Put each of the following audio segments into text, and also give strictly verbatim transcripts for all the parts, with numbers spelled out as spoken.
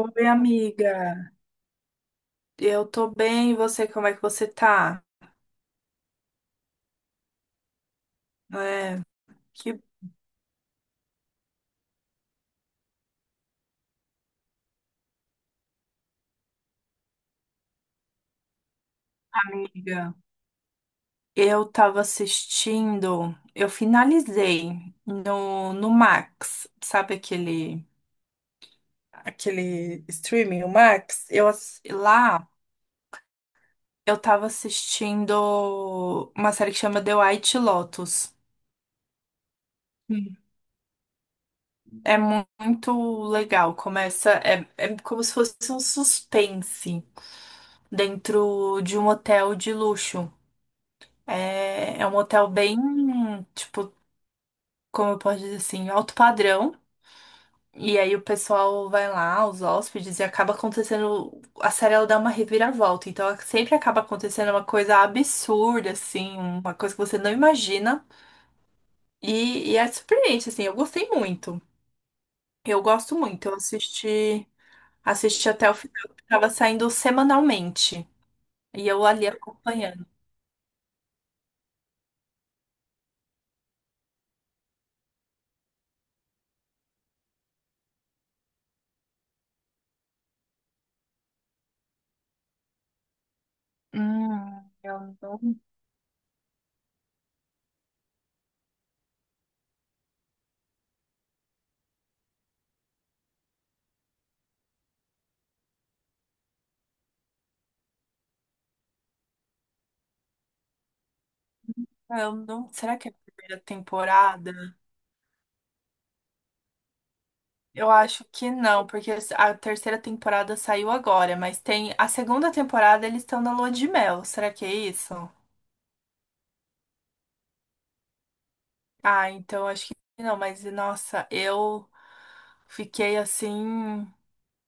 Oi, amiga. Eu tô bem, e você, como é que você tá? É, que bom, amiga. Eu tava assistindo, eu finalizei no, no Max, sabe aquele aquele streaming, o Max? Eu ass- lá eu tava assistindo uma série que chama The White Lotus. Hum. É mu- muito legal. Começa, é, é como se fosse um suspense dentro de um hotel de luxo. É, é um hotel bem, tipo, como eu posso dizer assim, alto padrão. E aí o pessoal vai lá, os hóspedes, e acaba acontecendo. A série ela dá uma reviravolta. Então sempre acaba acontecendo uma coisa absurda, assim, uma coisa que você não imagina. E, e é surpreendente, assim, eu gostei muito. Eu gosto muito. Eu assisti, assisti até o final, que tava saindo semanalmente. E eu ali acompanhando. Hum, eu não, eu não. Será que é a primeira temporada? Eu acho que não, porque a terceira temporada saiu agora, mas tem a segunda temporada, eles estão na lua de mel. Será que é isso? Ah, então acho que não, mas nossa, eu fiquei assim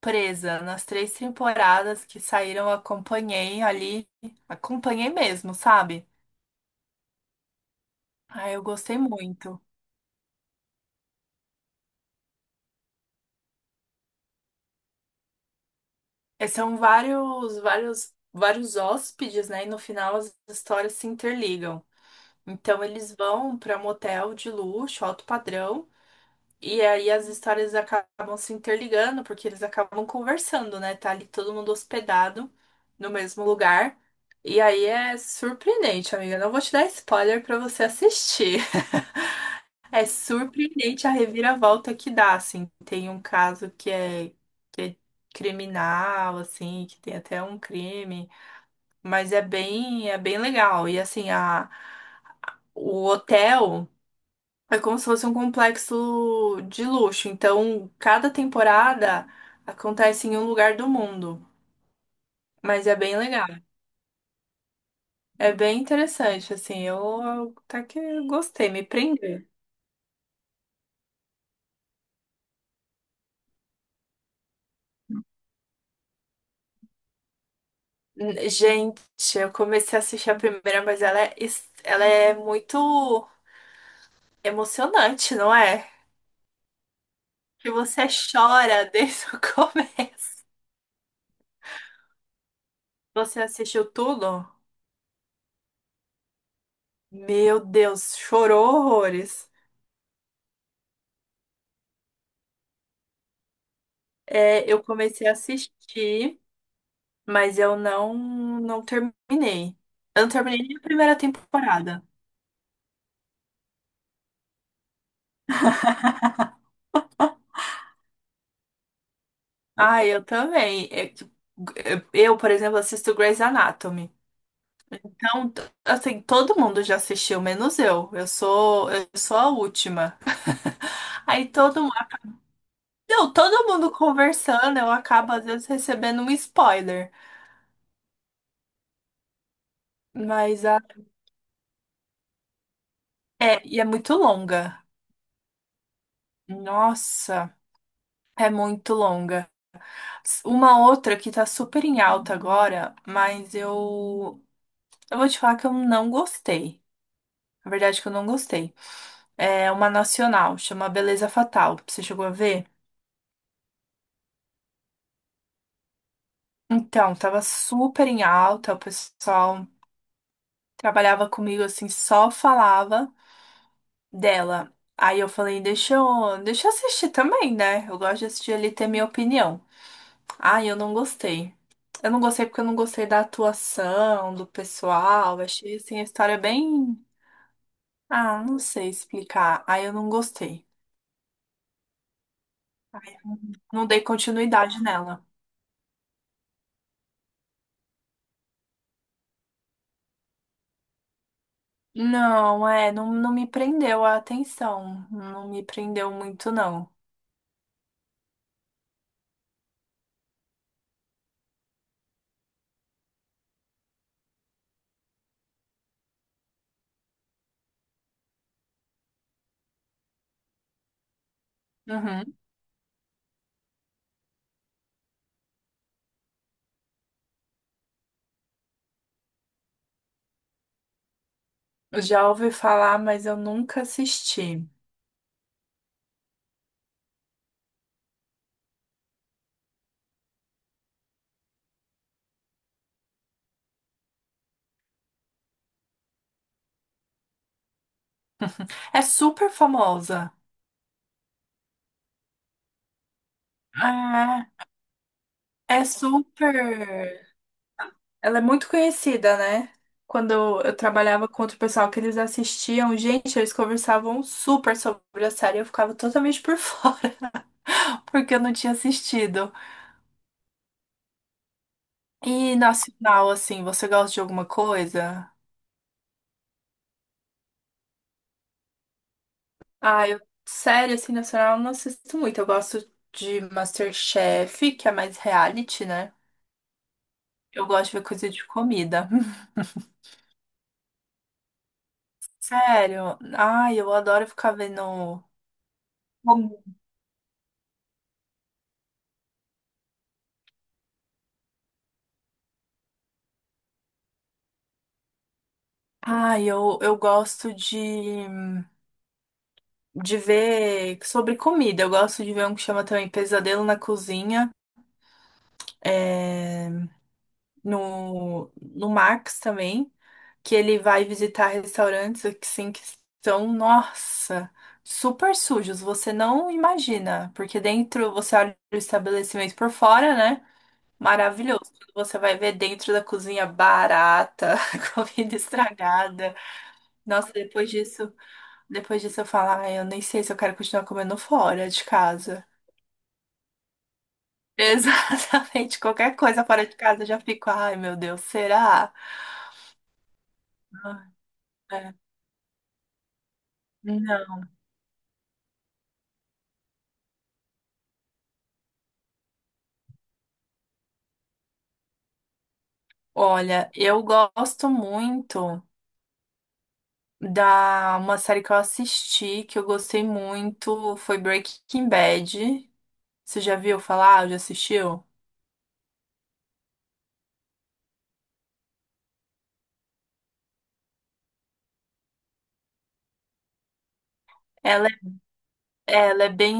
presa nas três temporadas que saíram, eu acompanhei ali, acompanhei mesmo, sabe? Ah, eu gostei muito. É, são vários, vários, vários hóspedes, né? E no final as histórias se interligam. Então eles vão para motel de luxo, alto padrão. E aí as histórias acabam se interligando, porque eles acabam conversando, né? Tá ali todo mundo hospedado no mesmo lugar. E aí é surpreendente, amiga. Não vou te dar spoiler pra você assistir. É surpreendente a reviravolta que dá, assim. Tem um caso que é, que é criminal, assim, que tem até um crime, mas é bem, é bem legal. E assim, a, o hotel. É como se fosse um complexo de luxo. Então, cada temporada acontece em um lugar do mundo. Mas é bem legal. É bem interessante, assim. Eu eu até que gostei, me prendeu. N- Gente, eu comecei a assistir a primeira, mas ela é, es- ela é muito emocionante, não é? Que você chora desde o começo. Você assistiu tudo? Meu Deus, chorou horrores. É, eu comecei a assistir. Mas eu não não terminei. Eu não terminei nem a primeira temporada. Ah, eu também. É que- Eu, por exemplo, assisto Grey's Anatomy. Então, t- assim, todo mundo já assistiu, menos eu. Eu sou, eu sou a última. Aí todo mundo, não, todo mundo conversando, eu acabo às vezes recebendo um spoiler. Mas a, é, e é muito longa. Nossa, é muito longa. Uma outra que tá super em alta agora, mas eu. Eu vou te falar que eu não gostei. Na verdade, que eu não gostei. É uma nacional, chama Beleza Fatal. Você chegou a ver? Então, tava super em alta, o pessoal trabalhava comigo assim, só falava dela. Aí eu falei, deixa eu, deixa eu assistir também, né? Eu gosto de assistir ali e ter minha opinião. Ai, eu não gostei. Eu não gostei porque eu não gostei da atuação, do pessoal. Achei assim a história bem. Ah, não sei explicar. Aí eu não gostei. Não dei continuidade nela. Não, é, não, não me prendeu a atenção. Não me prendeu muito, não. Uhum. Já ouvi falar, mas eu nunca assisti. É super famosa. Ah, é super. Ela é muito conhecida, né? Quando eu trabalhava com outro pessoal que eles assistiam, gente, eles conversavam super sobre a série, e eu ficava totalmente por fora, porque eu não tinha assistido. E nacional, assim, você gosta de alguma coisa? Ah, eu, série assim, nacional, eu não assisto muito. Eu gosto de MasterChef, que é mais reality, né? Eu gosto de ver coisa de comida. Sério? Ai, eu adoro ficar vendo. Como? Ai, eu, eu gosto de, de ver sobre comida. Eu gosto de ver um que chama também Pesadelo na Cozinha, é, no, no Max também. Que ele vai visitar restaurantes assim que são, nossa, super sujos, você não imagina, porque dentro você olha o estabelecimento por fora, né? Maravilhoso. Quando você vai ver dentro da cozinha barata, comida estragada. Nossa, depois disso, depois disso eu falo, ai, eu nem sei se eu quero continuar comendo fora de casa. Exatamente, qualquer coisa fora de casa eu já fico, ai meu Deus, será? Ah, é. Não. Olha, eu gosto muito da uma série que eu assisti, que eu gostei muito, foi Breaking Bad. Você já viu falar? Já assistiu? Ela, é, ela é bem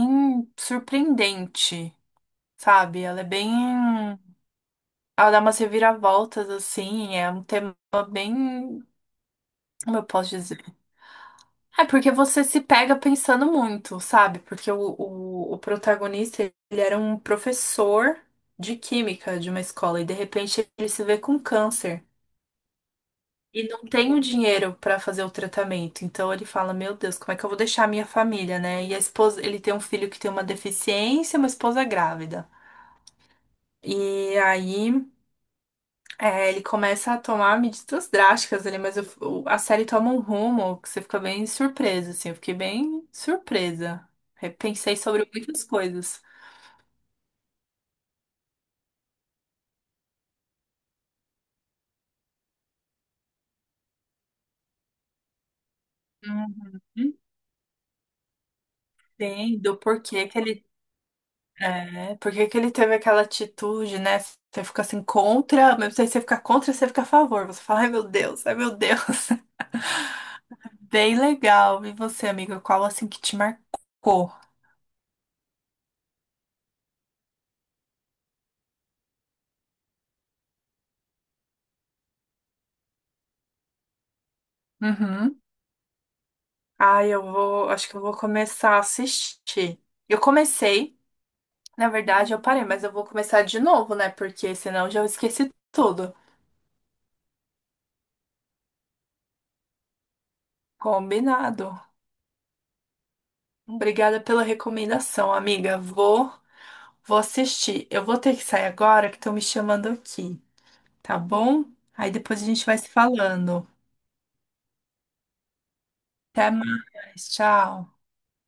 surpreendente, sabe? Ela é bem. Ela dá umas reviravoltas, assim, é um tema bem. Como eu posso dizer? É porque você se pega pensando muito, sabe? Porque o, o, o protagonista, ele era um professor de química de uma escola e de repente ele se vê com câncer e não tem o dinheiro para fazer o tratamento. Então ele fala: Meu Deus, como é que eu vou deixar a minha família, né? E a esposa, ele tem um filho que tem uma deficiência, e uma esposa grávida. E aí. É, ele começa a tomar medidas drásticas ali, mas eu- o- a série toma um rumo que você fica bem surpresa, assim. Eu fiquei bem surpresa. Repensei sobre muitas coisas. Uhum. Entendo por que que ele, é, por que que ele teve aquela atitude, né? Você fica assim contra, mas você fica contra, você fica a favor. Você fala, ai meu Deus, ai meu Deus. Bem legal. E você, amiga, qual assim que te marcou? Uhum. Ai, eu vou, acho que eu vou começar a assistir. Eu comecei. Na verdade, eu parei, mas eu vou começar de novo, né? Porque senão eu já esqueci tudo. Combinado. Obrigada pela recomendação, amiga. Vou, vou assistir. Eu vou ter que sair agora, que estão me chamando aqui, tá bom? Aí depois a gente vai se falando. Até mais. Tchau.